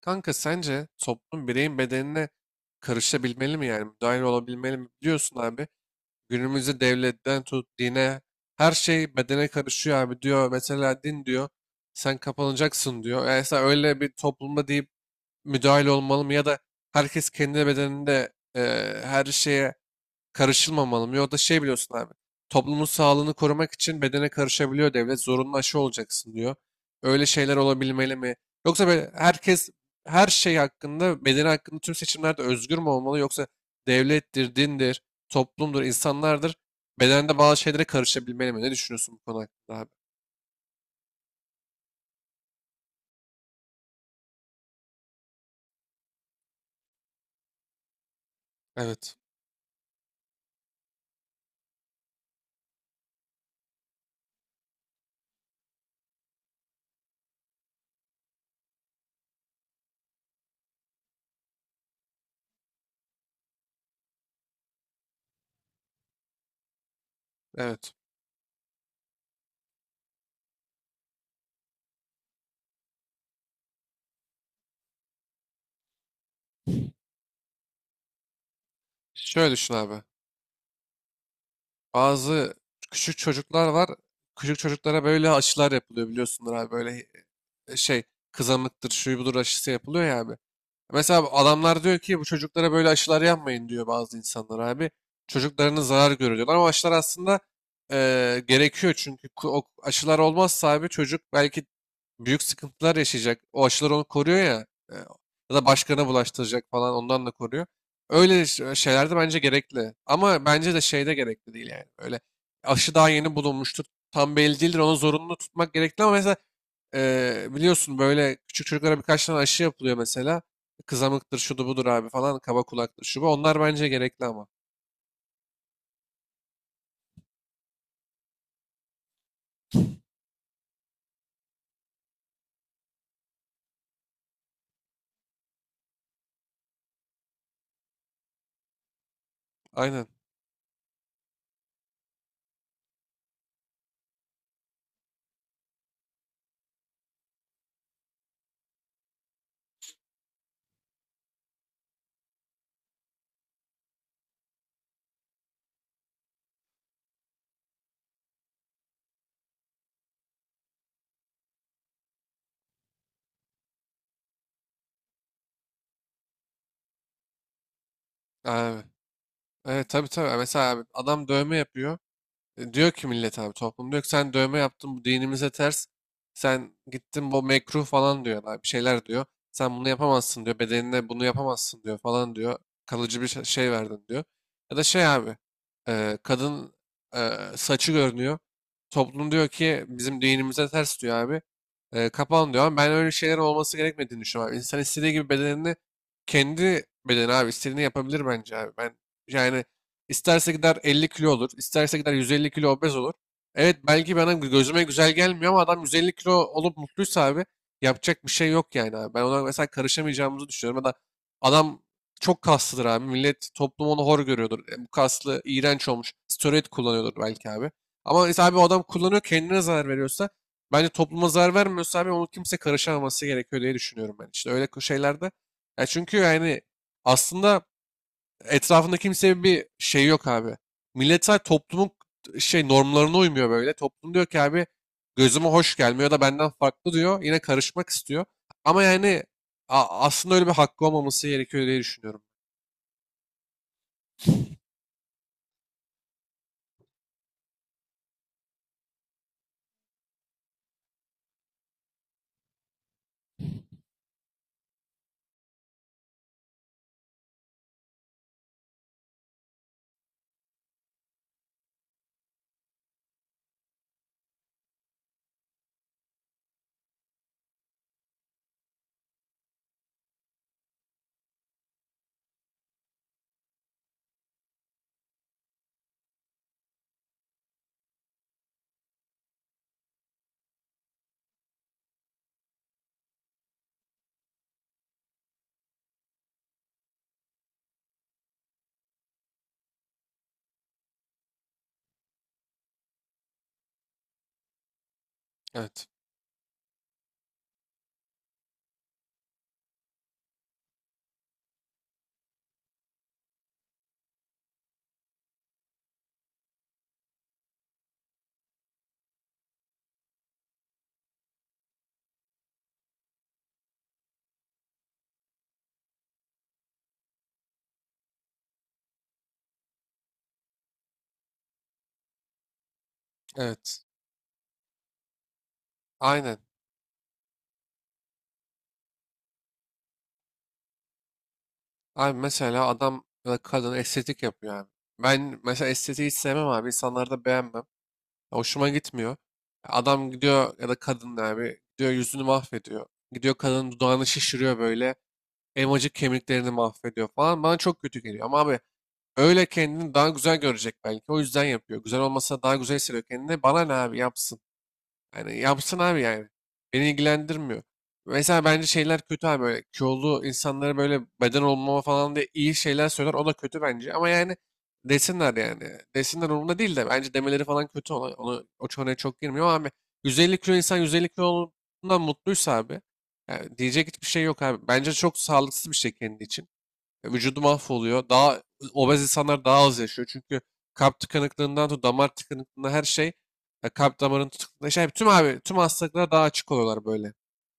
Kanka sence toplum bireyin bedenine karışabilmeli mi, yani müdahil olabilmeli mi? Biliyorsun abi, günümüzde devletten tut dine her şey bedene karışıyor abi diyor. Mesela din diyor sen kapanacaksın diyor. Yani mesela öyle bir toplumda deyip müdahil olmalı mı, ya da herkes kendi bedeninde, her şeye karışılmamalı mı? Yok da şey, biliyorsun abi. Toplumun sağlığını korumak için bedene karışabiliyor devlet. Zorunlu aşı olacaksın diyor. Öyle şeyler olabilmeli mi? Yoksa böyle herkes her şey hakkında, bedeni hakkında tüm seçimlerde özgür mü olmalı? Yoksa devlettir, dindir, toplumdur, insanlardır. Bedende bazı şeylere karışabilmeli mi? Ne düşünüyorsun bu konu hakkında abi? Evet. Evet. Şöyle düşün abi. Bazı küçük çocuklar var. Küçük çocuklara böyle aşılar yapılıyor, biliyorsunuz abi. Böyle şey, kızamıktır, şu budur aşısı yapılıyor ya abi. Mesela adamlar diyor ki bu çocuklara böyle aşılar yapmayın diyor bazı insanlar abi. Çocuklarının zarar görüyor diyorlar ama aşılar aslında gerekiyor, çünkü o aşılar olmazsa abi çocuk belki büyük sıkıntılar yaşayacak. O aşılar onu koruyor ya, e, ya da başkana bulaştıracak falan, ondan da koruyor. Öyle şeyler de bence gerekli ama bence de şeyde gerekli değil yani. Öyle aşı daha yeni bulunmuştur, tam belli değildir, onu zorunlu tutmak gerekli, ama mesela biliyorsun böyle küçük çocuklara birkaç tane aşı yapılıyor mesela. Kızamıktır, şudur budur abi falan, kaba kulaktır, şu bu. Onlar bence gerekli ama. Aynen. Abi. Evet, tabii tabii. Mesela abi, adam dövme yapıyor. Diyor ki millet abi, toplum diyor ki sen dövme yaptın, bu dinimize ters. Sen gittin bu mekruh falan diyor abi, bir şeyler diyor. Sen bunu yapamazsın diyor, bedenine bunu yapamazsın diyor falan diyor. Kalıcı bir şey verdin diyor. Ya da şey abi, kadın, e, saçı görünüyor. Toplum diyor ki bizim dinimize ters diyor abi. Kapan diyor, ama ben öyle şeyler olması gerekmediğini düşünüyorum abi. İnsan istediği gibi bedenini, kendi bedeni abi, istediğini yapabilir bence abi. Ben yani. İsterse gider 50 kilo olur. isterse gider 150 kilo obez olur. Evet, belki bana gözüme güzel gelmiyor ama adam 150 kilo olup mutluysa abi, yapacak bir şey yok yani abi. Ben ona mesela karışamayacağımızı düşünüyorum. Ya da adam çok kaslıdır abi. Millet, toplum onu hor görüyordur. Bu kaslı iğrenç olmuş. Steroid kullanıyordur belki abi. Ama mesela abi, o adam kullanıyor, kendine zarar veriyorsa, bence topluma zarar vermiyorsa abi, onu kimse karışamaması gerekiyor diye düşünüyorum ben. İşte öyle şeylerde. Ya çünkü yani, aslında etrafında kimsenin bir şey yok abi. Milletler toplumun şey normlarına uymuyor böyle. Toplum diyor ki abi, gözüme hoş gelmiyor da benden farklı diyor. Yine karışmak istiyor. Ama yani aslında öyle bir hakkı olmaması gerekiyor diye düşünüyorum. Evet. Evet. Aynen. Abi mesela adam ya da kadın estetik yapıyor abi. Ben mesela estetiği hiç sevmem abi. İnsanları da beğenmem. Hoşuma gitmiyor. Adam gidiyor ya da kadın abi, gidiyor yüzünü mahvediyor. Gidiyor kadının dudağını şişiriyor böyle. Elmacık kemiklerini mahvediyor falan. Bana çok kötü geliyor. Ama abi, öyle kendini daha güzel görecek belki. O yüzden yapıyor. Güzel olmasa daha güzel hissediyor kendini. Bana ne abi, yapsın. Yani yapsın abi yani. Beni ilgilendirmiyor. Mesela bence şeyler kötü abi, böyle kilolu insanlara böyle beden olmama falan diye iyi şeyler söyler, o da kötü bence, ama yani desinler yani. Desinler, umurumda değil, de bence demeleri falan kötü, ona, onu o konuya çok girmiyor, ama abi 150 kilo insan 150 kilo olduğundan mutluysa abi, yani diyecek hiçbir şey yok abi. Bence çok sağlıksız bir şey kendi için. Vücudu mahvoluyor. Daha obez insanlar daha az yaşıyor. Çünkü kalp tıkanıklığından tut damar tıkanıklığına her şey, ya kalp damarının tıkanıklığına şey, tüm abi tüm hastalıklara daha açık oluyorlar böyle.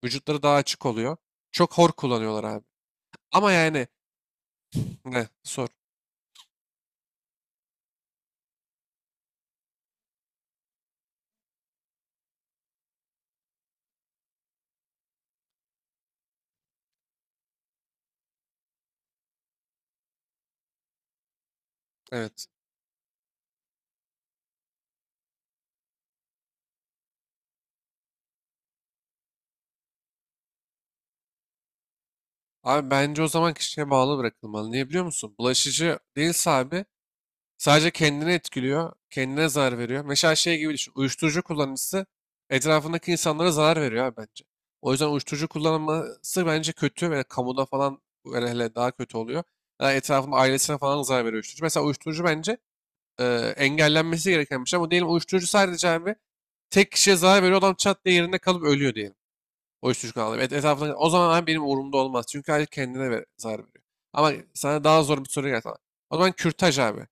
Vücutları daha açık oluyor. Çok hor kullanıyorlar abi. Ama yani. Ne sor. Evet. Abi bence o zaman kişiye bağlı bırakılmalı. Niye biliyor musun? Bulaşıcı değilse abi, sadece kendini etkiliyor, kendine zarar veriyor. Mesela şey gibi düşün, uyuşturucu kullanıcısı etrafındaki insanlara zarar veriyor abi bence. O yüzden uyuşturucu kullanması bence kötü, ve kamuda falan hele hele daha kötü oluyor. Yani etrafında, ailesine falan zarar veriyor uyuşturucu. Mesela uyuşturucu bence e, engellenmesi gereken bir şey, ama diyelim uyuşturucu sadece abi tek kişiye zarar veriyor, adam çat diye yerinde kalıp ölüyor diyelim. Uyuşturucu kullanıyor. Etrafında, o zaman abi benim umurumda olmaz, çünkü aile kendine zarar veriyor. Ama sana daha zor bir soru geldi. O zaman kürtaj abi,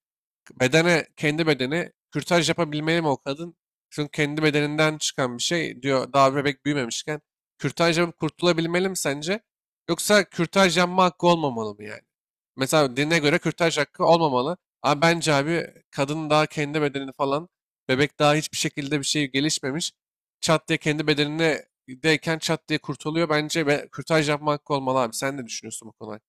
bedene, kendi bedeni kürtaj yapabilmeli mi o kadın? Çünkü kendi bedeninden çıkan bir şey diyor, daha bebek büyümemişken. Kürtaj yapıp kurtulabilmeli mi sence? Yoksa kürtaj yapma hakkı olmamalı mı yani? Mesela dine göre kürtaj hakkı olmamalı. Ama bence abi kadın daha kendi bedenini falan, bebek daha hiçbir şekilde bir şey gelişmemiş. Çat diye kendi bedenine deyken çat diye kurtuluyor. Bence kürtaj yapma hakkı olmalı abi. Sen ne düşünüyorsun bu konu hakkında?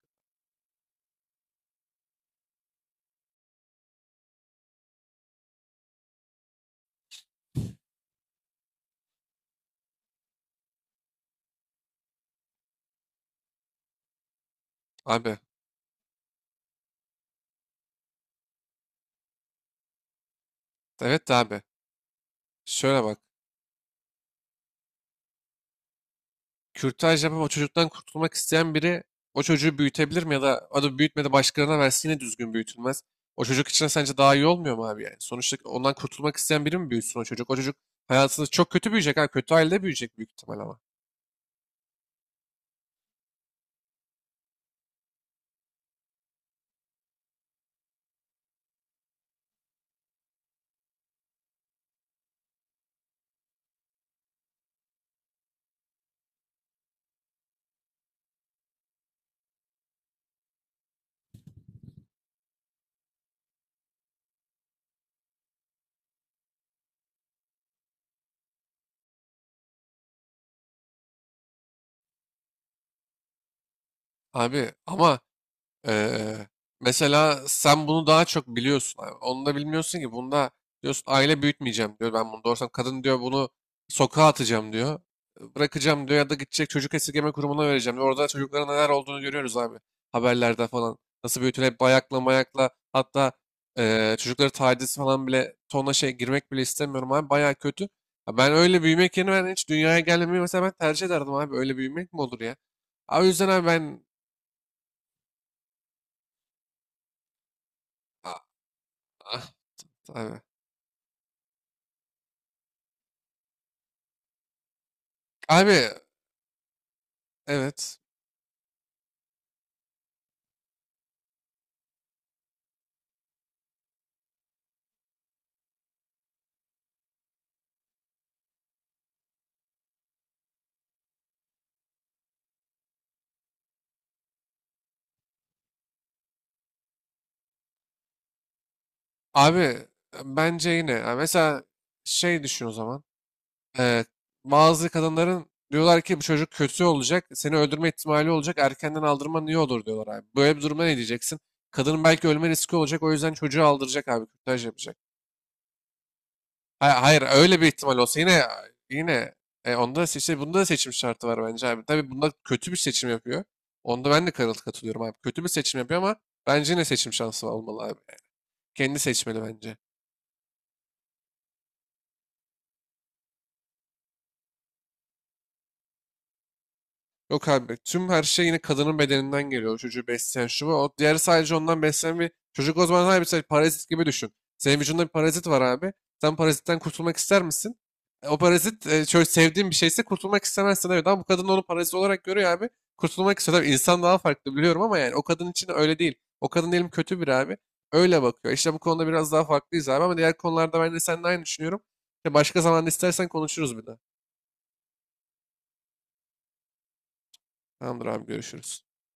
Abi evet de abi. Şöyle bak. Kürtaj yapıp o çocuktan kurtulmak isteyen biri, o çocuğu büyütebilir mi, ya da o da büyütmedi başkalarına versin, yine düzgün büyütülmez. O çocuk için sence daha iyi olmuyor mu abi yani? Sonuçta ondan kurtulmak isteyen biri mi büyütsün o çocuk? O çocuk hayatında çok kötü büyüyecek abi. Kötü ailede büyüyecek büyük ihtimal ama. Abi ama, Ee, mesela sen bunu daha çok biliyorsun. Abi. Onu da bilmiyorsun ki. Bunda diyorsun aile büyütmeyeceğim diyor. Ben bunu doğursam kadın diyor, bunu sokağa atacağım diyor. Bırakacağım diyor, ya da gidecek çocuk esirgeme kurumuna vereceğim diyor. Orada çocukların neler olduğunu görüyoruz abi. Haberlerde falan. Nasıl büyütülüp bayakla mayakla, hatta çocukları taciz falan bile, tonla şey, girmek bile istemiyorum abi. Bayağı kötü. Ya, ben öyle büyümek yerine ben hiç dünyaya gelmemeyi mesela ben tercih ederdim abi. Öyle büyümek mi olur ya? Abi o yüzden abi ben... Ah, ah, abi. Abi evet. Abi bence yine. Yani mesela şey düşün o zaman. Ee, Bazı kadınların diyorlar ki bu çocuk kötü olacak. Seni öldürme ihtimali olacak. Erkenden aldırman iyi olur diyorlar abi. Böyle bir duruma ne diyeceksin? Kadının belki ölme riski olacak. O yüzden çocuğu aldıracak abi. Kürtaj yapacak. Hayır, hayır, öyle bir ihtimal olsa yine, yine onda da seçim, bunda da seçim şartı var bence abi. Tabii bunda kötü bir seçim yapıyor. Onda ben de katılıyorum abi. Kötü bir seçim yapıyor, ama bence yine seçim şansı olmalı abi. Kendi seçmeli bence. Yok abi, tüm her şey yine kadının bedeninden geliyor. O çocuğu besleyen şu bu. O diğeri sadece ondan beslenen bir çocuk, o zaman abi sen parazit gibi düşün. Senin vücudunda bir parazit var abi. Sen parazitten kurtulmak ister misin? O parazit çok sevdiğin bir şeyse kurtulmak istemezsin, evet, ama bu kadın onu parazit olarak görüyor abi. Kurtulmak istiyor. Tabii insan daha farklı, biliyorum, ama yani o kadın için öyle değil. O kadın diyelim kötü bir abi. Öyle bakıyor. İşte bu konuda biraz daha farklıyız abi, ama diğer konularda ben de seninle aynı düşünüyorum. Ya, başka zaman istersen konuşuruz bir de. Tamamdır abi, görüşürüz.